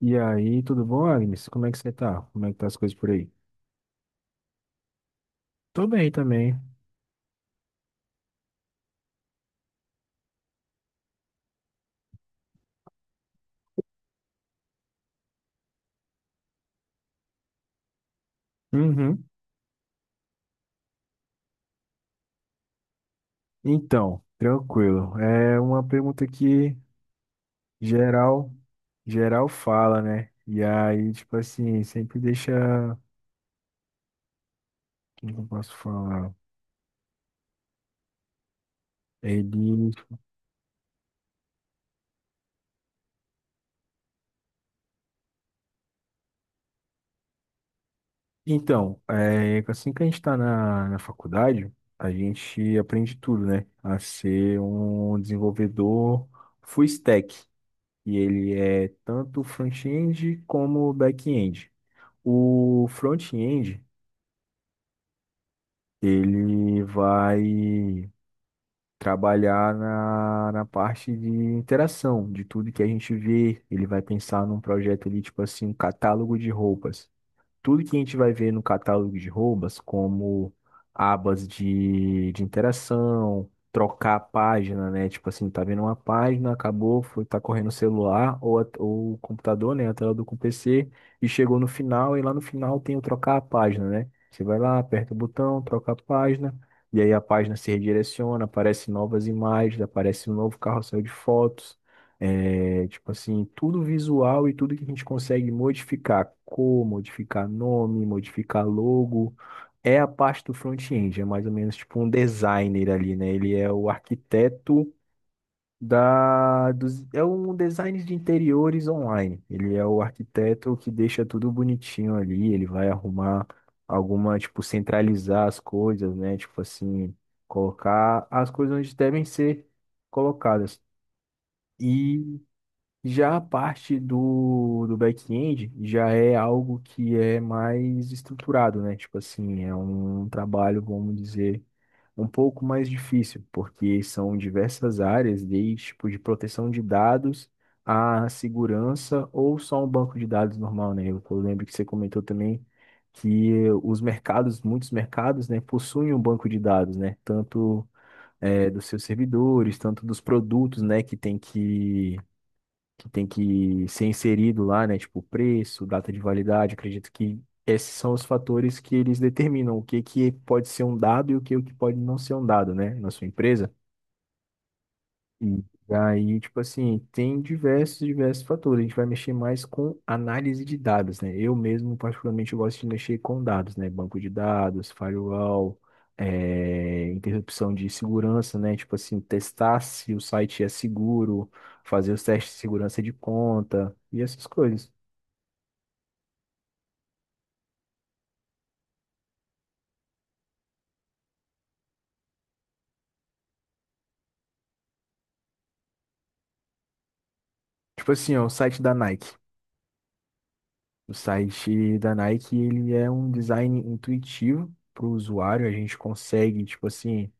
E aí, tudo bom, Agnes? Como é que você tá? Como é que tá as coisas por aí? Tô bem também. Uhum. Então, tranquilo. É uma pergunta que geral, geral fala, né? E aí, tipo assim, sempre deixa. Como que eu posso falar? Ele. Então, é, assim que a gente tá na faculdade, a gente aprende tudo, né? A ser um desenvolvedor full stack. E ele é tanto front-end como back-end. O front-end, ele vai trabalhar na parte de interação, de tudo que a gente vê. Ele vai pensar num projeto ali, tipo assim, um catálogo de roupas. Tudo que a gente vai ver no catálogo de roubas, como abas de interação, trocar a página, né? Tipo assim, tá vendo uma página, acabou, foi, tá correndo o celular ou, ou o computador, né? A tela do PC, e chegou no final, e lá no final tem o trocar a página, né? Você vai lá, aperta o botão, troca a página, e aí a página se redireciona, aparecem novas imagens, aparece um novo carrossel de fotos. É, tipo assim, tudo visual e tudo que a gente consegue modificar, cor, modificar nome, modificar logo, é a parte do front-end, é mais ou menos tipo um designer ali, né? Ele é o arquiteto é um design de interiores online. Ele é o arquiteto que deixa tudo bonitinho ali, ele vai arrumar alguma, tipo, centralizar as coisas, né? Tipo assim, colocar as coisas onde devem ser colocadas. E já a parte do back-end já é algo que é mais estruturado, né? Tipo assim, é um trabalho, vamos dizer, um pouco mais difícil, porque são diversas áreas, desde tipo de proteção de dados à segurança ou só um banco de dados normal, né? Eu lembro que você comentou também que os mercados, muitos mercados, né, possuem um banco de dados, né? Tanto dos seus servidores, tanto dos produtos, né, que tem que ser inserido lá, né? Tipo, preço, data de validade. Acredito que esses são os fatores que eles determinam o que que pode ser um dado e o que pode não ser um dado, né? Na sua empresa. E aí, tipo assim, tem diversos fatores. A gente vai mexer mais com análise de dados, né? Eu mesmo, particularmente, eu gosto de mexer com dados, né? Banco de dados, firewall, interrupção de segurança, né? Tipo assim, testar se o site é seguro, fazer os testes de segurança de conta e essas coisas. Tipo assim, ó, o site da Nike. O site da Nike, ele é um design intuitivo para o usuário. A gente consegue, tipo assim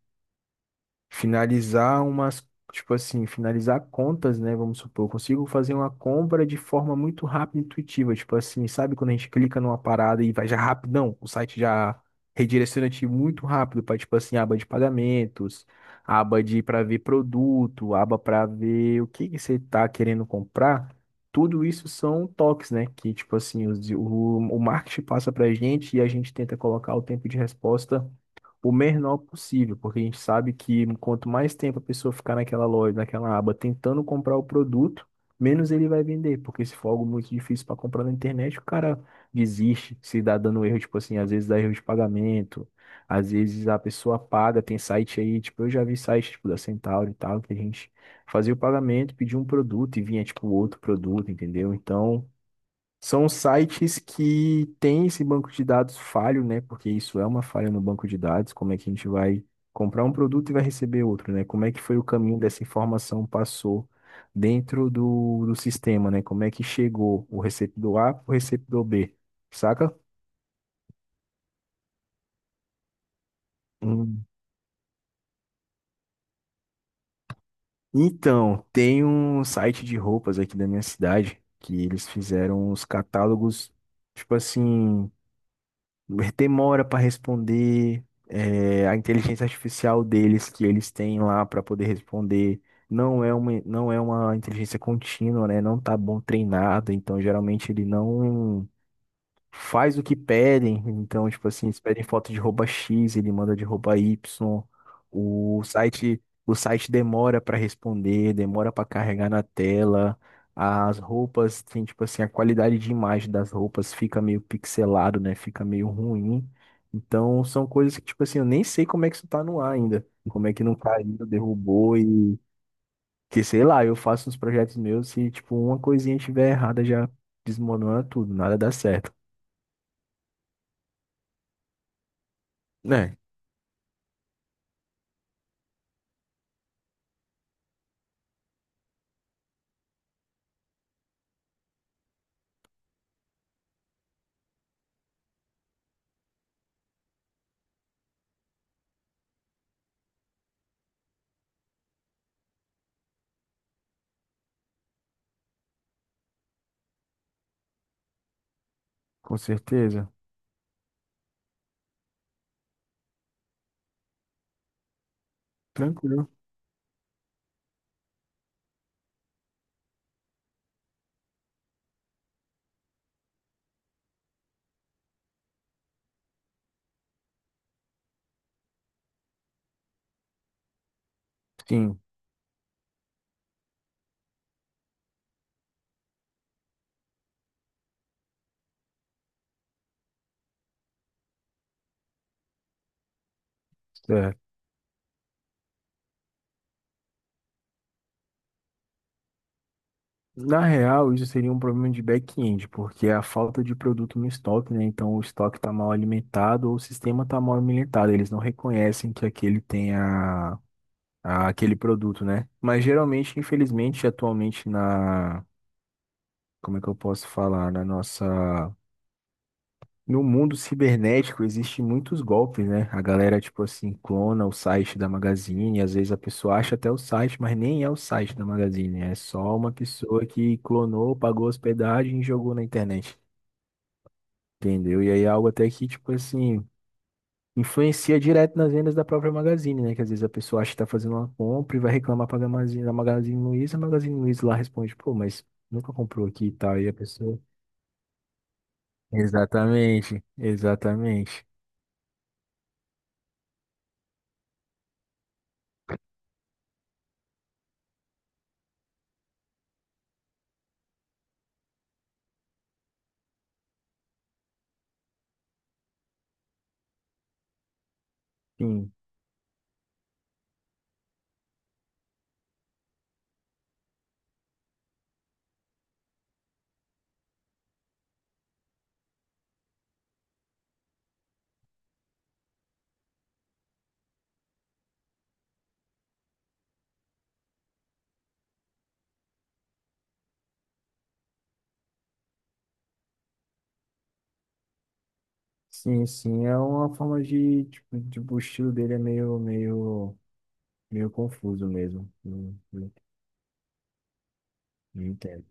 finalizar umas, tipo assim, finalizar contas, né? Vamos supor, eu consigo fazer uma compra de forma muito rápida e intuitiva, tipo assim, sabe quando a gente clica numa parada e vai já rapidão, o site já redireciona a gente muito rápido para tipo assim, aba de pagamentos, aba de para ver produto, aba para ver o que que você está querendo comprar. Tudo isso são toques, né? Que, tipo assim, o marketing passa pra gente e a gente tenta colocar o tempo de resposta o menor possível, porque a gente sabe que quanto mais tempo a pessoa ficar naquela loja, naquela aba, tentando comprar o produto, menos ele vai vender, porque se for algo muito difícil para comprar na internet, o cara desiste, se dá dando erro, tipo assim, às vezes dá erro de pagamento, às vezes a pessoa paga, tem site aí, tipo, eu já vi site, tipo, da Centauro e tal, que a gente fazia o pagamento, pedia um produto e vinha, tipo, outro produto, entendeu? Então, são sites que têm esse banco de dados falho, né? Porque isso é uma falha no banco de dados. Como é que a gente vai comprar um produto e vai receber outro, né? Como é que foi o caminho dessa informação passou dentro do sistema, né? Como é que chegou o receptor A para o receptor B, saca? Hum. Então, tem um site de roupas aqui da minha cidade que eles fizeram os catálogos, tipo assim, demora para responder, é, a inteligência artificial deles que eles têm lá para poder responder não é não é uma inteligência contínua, né? Não tá bom treinado, então geralmente ele não faz o que pedem. Então, tipo assim, eles pedem foto de roupa X, ele manda de roupa Y. O site demora para responder, demora para carregar na tela. As roupas, tem tipo assim, a qualidade de imagem das roupas fica meio pixelado, né? Fica meio ruim. Então, são coisas que, tipo assim, eu nem sei como é que isso tá no ar ainda. Como é que não caiu, derrubou e que sei lá, eu faço uns projetos meus e tipo uma coisinha estiver errada já desmorona tudo, nada dá certo. Né. Com certeza. Tranquilo. Sim, certo. Na real, isso seria um problema de back-end, porque é a falta de produto no estoque, né? Então, o estoque está mal alimentado ou o sistema está mal alimentado. Eles não reconhecem que aquele tem aquele produto, né? Mas geralmente, infelizmente, atualmente na, como é que eu posso falar, na nossa. No mundo cibernético existem muitos golpes, né? A galera, tipo assim, clona o site da Magazine, às vezes a pessoa acha até o site, mas nem é o site da Magazine, é só uma pessoa que clonou, pagou hospedagem e jogou na internet, entendeu? E aí é algo até que, tipo assim, influencia direto nas vendas da própria Magazine, né? Que às vezes a pessoa acha que tá fazendo uma compra e vai reclamar pra Magazine, a Magazine Luiza lá responde, pô, mas nunca comprou aqui e tal, e a pessoa... Exatamente, exatamente. Sim. Sim, sim, é uma forma de, tipo, tipo, o estilo dele é meio confuso mesmo, não entendo.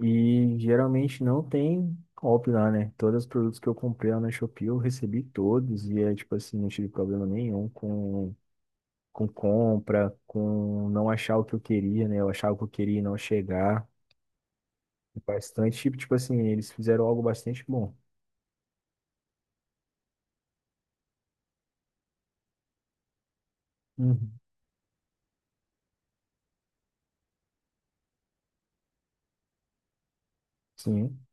E geralmente não tem golpe lá, né? Todos os produtos que eu comprei lá na Shopee eu recebi todos e é tipo assim, não tive problema nenhum com compra, com não achar o que eu queria, né? Eu achava o que eu queria e não chegar. Bastante, tipo, tipo assim, eles fizeram algo bastante bom. Uhum. Sim,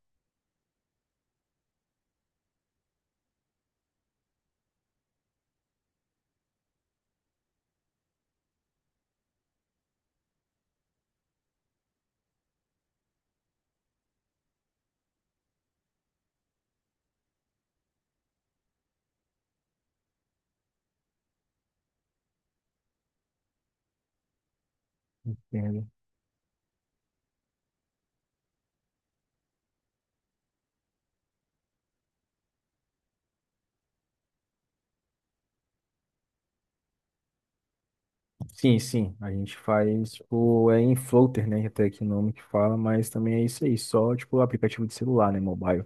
é. Sim, sim, a gente faz, tipo, é em floater, né, até que o nome que fala, mas também é isso aí, só, tipo, aplicativo de celular, né, mobile.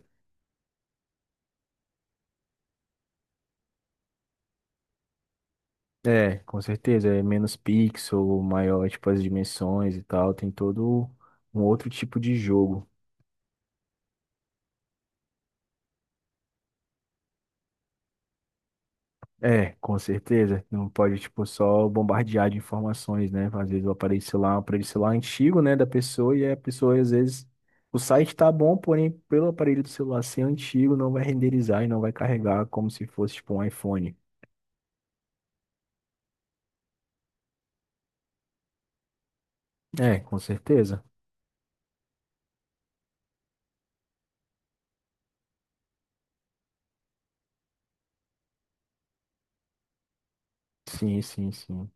É, com certeza, é menos pixel, maior, tipo, as dimensões e tal, tem todo um outro tipo de jogo. É, com certeza, não pode, tipo, só bombardear de informações, né, às vezes o aparelho celular é antigo, né, da pessoa, e a pessoa, às vezes, o site tá bom, porém, pelo aparelho do celular ser antigo, não vai renderizar e não vai carregar como se fosse, tipo, um iPhone. É, com certeza. Sim.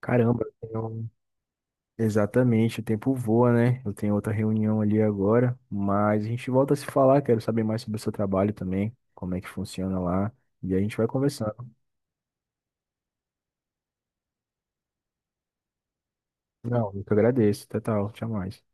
Caramba, exatamente, o tempo voa, né? Eu tenho outra reunião ali agora, mas a gente volta a se falar, quero saber mais sobre o seu trabalho também, como é que funciona lá, e a gente vai conversando. Não, eu que agradeço. Até tal, tchau mais.